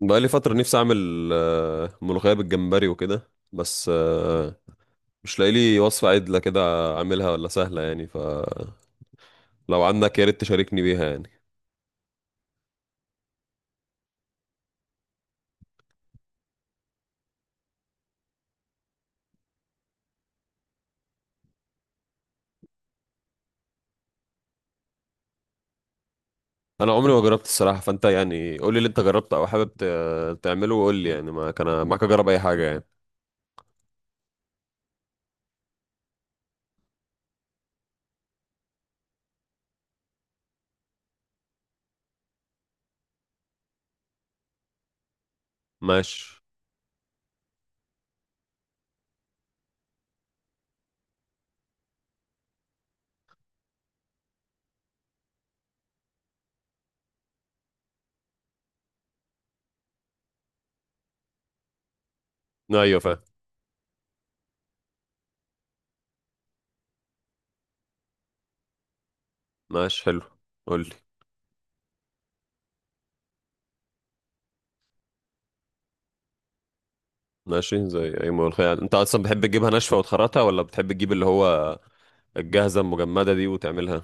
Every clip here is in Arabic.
بقالي فترة نفسي أعمل ملوخية بالجمبري وكده بس مش لاقي لي وصفة عدلة كده أعملها، ولا سهلة يعني؟ فلو عندك يا ريت تشاركني بيها يعني. أنا عمري ما جربت الصراحة، فأنت يعني قول لي اللي أنت جربته أو حابب تعمله، وقول لي يعني ما كان معاك أجرب أي حاجة يعني. ماشي. أيوة فاهم. ماشي حلو. قول لي. ماشي، زي أي ملوخية يعني. أنت أصلا بتحب تجيبها ناشفة وتخرطها، ولا بتحب تجيب اللي هو الجاهزة المجمدة دي وتعملها؟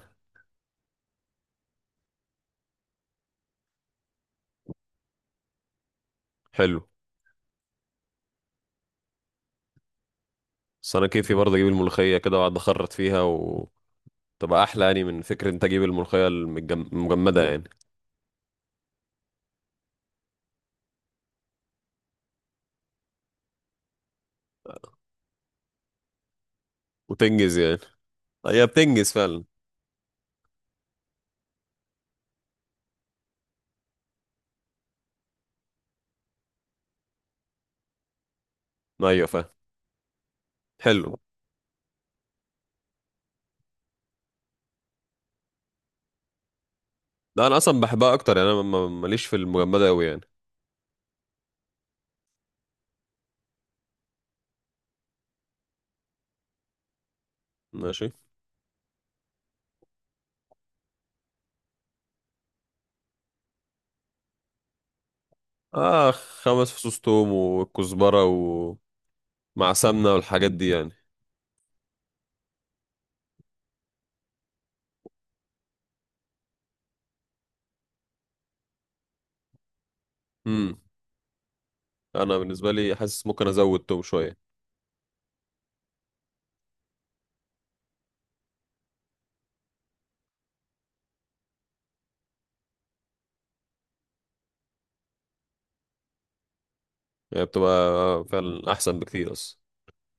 حلو. بس انا كيفي برضه اجيب الملوخيه كده واقعد اخرط فيها، وتبقى احلى يعني، من فكره انت تجيب الملوخيه المجمده يعني. وتنجز يعني. هي بتنجز فعلا. ايوه فاهم. حلو. ده انا اصلا بحبها اكتر يعني، انا ماليش في المجمده قوي يعني. ماشي. اه، 5 فصوص توم والكزبره ومع سمنه والحاجات دي يعني. امم انا بالنسبه لي حاسس ممكن ازود توم شويه. يعني بتبقى فعلا احسن بكتير اصلا،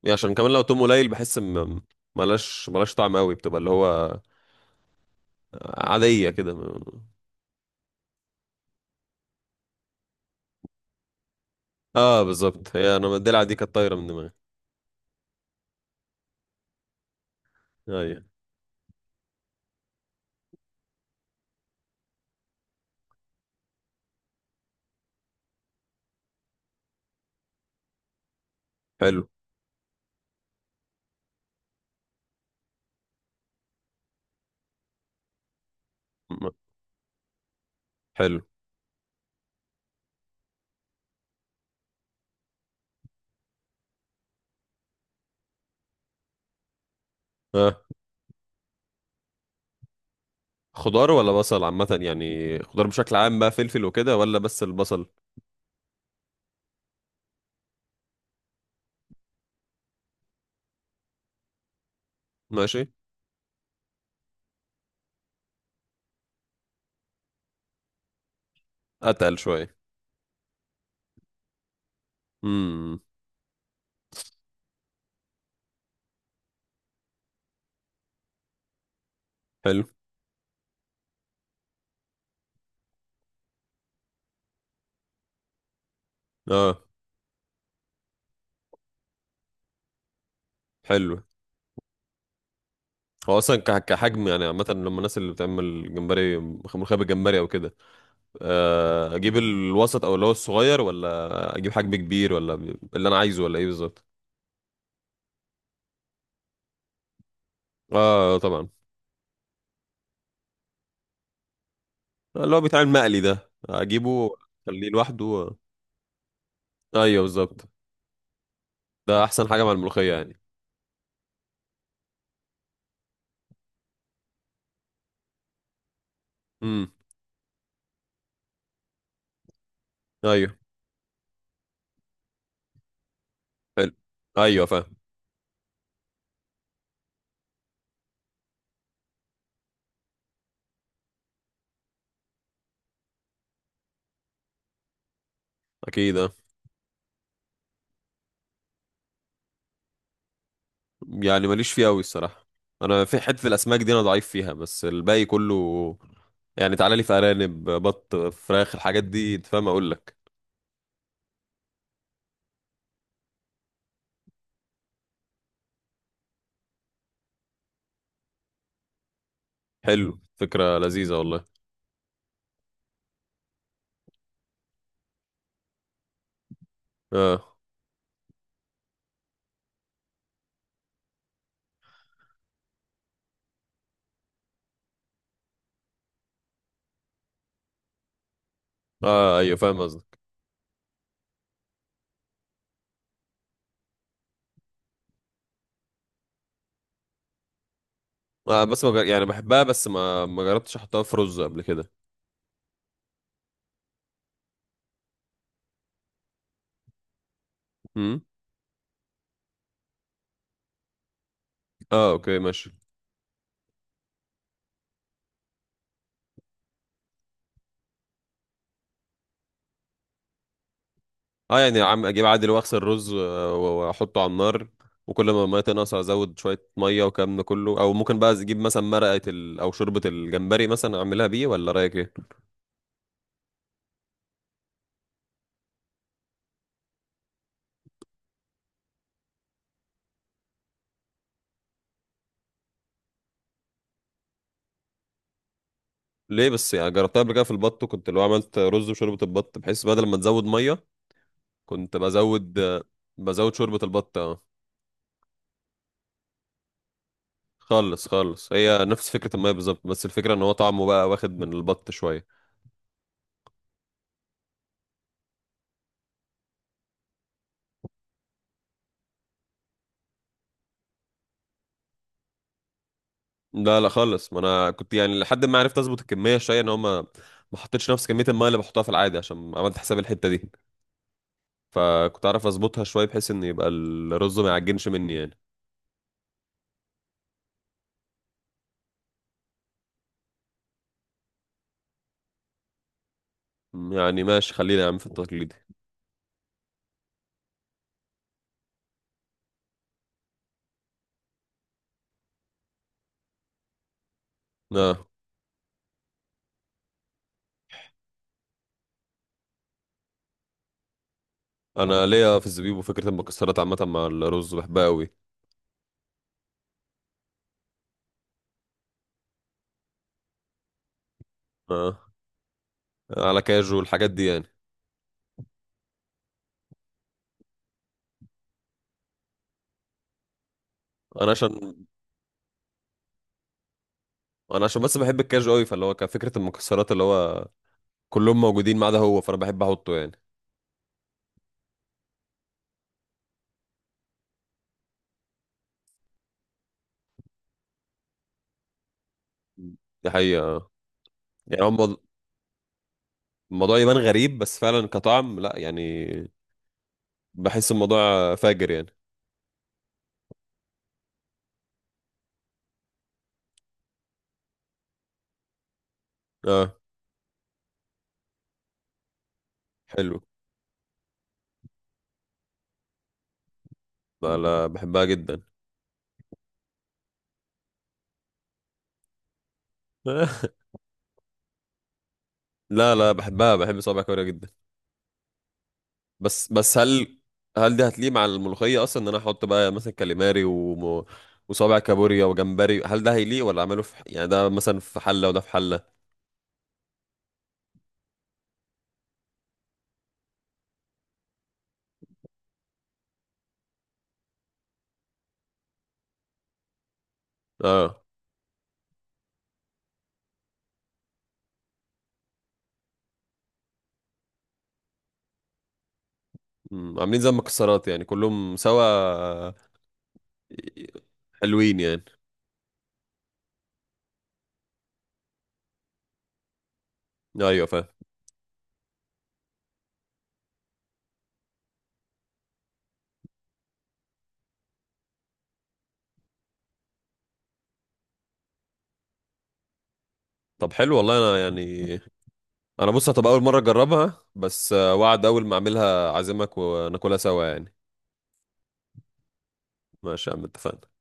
يعني عشان كمان لو توم قليل بحس، ملهاش طعم قوي، بتبقى اللي هو عادية كده. اه، بالظبط. هي انا الدلعة دي كانت طايرة من دماغي. ايوه حلو. م- حلو. آه. خضار ولا بصل عامة؟ يعني خضار بشكل عام بقى فلفل وكده، ولا بس البصل؟ ماشي. اتقل شوية. امم. حلو. اه حلو. هو اصلا كحجم يعني، عامة لما الناس اللي بتعمل جمبري ملوخية بالجمبري او كده، اجيب الوسط او اللي هو الصغير، ولا اجيب حجم كبير، ولا اللي انا عايزه، ولا ايه بالظبط؟ اه طبعا. اللي هو بيتعمل مقلي ده اجيبه؟ خليه لوحده. ايوه بالظبط. ده احسن حاجه مع الملوخيه يعني. امم. ايوه حلو. ايوه فاهم. اكيد اه. يعني ماليش فيه قوي الصراحه، انا في حته الاسماك دي انا ضعيف فيها، بس الباقي كله يعني، تعالى لي في ارانب بط فراخ الحاجات دي، انت فاهم اقول لك. حلو فكره لذيذه والله. اه. اه. ايوه فاهم قصدك. آه بس ما جر... يعني بحبها، بس ما جربتش احطها في رز قبل كده. امم. اه، اوكي ماشي. اه يعني عم اجيب عادل واغسل رز واحطه على النار، وكل ما الميه تنقص ازود شويه ميه والكلام ده كله، او ممكن بقى اجيب مثلا مرقه او شوربه الجمبري مثلا اعملها بيه، ولا رايك ايه؟ ليه بس يعني؟ جربتها قبل كده في البط، وكنت لو عملت رز وشوربه البط، بحيث بدل ما تزود ميه كنت بزود، بزود شوربه البط اه. خالص خالص، هي نفس فكره الميه بالظبط، بس الفكره ان هو طعمه بقى واخد من البط شويه. لا لا خالص، ما انا كنت يعني لحد ما عرفت اظبط الكميه شويه، ان هو ما حطيتش نفس كميه الميه اللي بحطها في العادي، عشان عملت حساب الحته دي، فكنت اعرف اظبطها شويه بحيث ان يبقى الرز ما يعجنش مني يعني. يعني ماشي، خلينا يا عم في التقليدي. اه. انا ليا في الزبيب، وفكره المكسرات عامه مع الرز بحبها قوي. اه، على كاجو الحاجات دي يعني. انا عشان انا عشان بس بحب الكاجو قوي، فاللي هو كفكره المكسرات اللي هو كلهم موجودين ما عدا هو، فانا بحب احطه يعني. دي حقيقه. يعني الموضوع يبان غريب، بس فعلا كطعم لا يعني، بحس الموضوع فاجر يعني. اه حلو. لا لا بحبها جدا. لا لا بحبها، بحب صوابع كوريا جدا. بس هل دي هتليق مع الملوخية اصلا؟ ان انا احط بقى مثلا كاليماري وصابع كابوريا وجمبري، هل ده هيليق؟ ولا اعمله في يعني ده مثلا في حلة وده في حلة؟ اه. عاملين زي المكسرات يعني، كلهم سوا. حلوين يعني. ايوه فاهم. طب حلو والله. انا يعني انا بص، هتبقى اول مره اجربها، بس وعد، اول ما اعملها اعزمك وناكلها سوا يعني. ماشي يا عم، اتفقنا.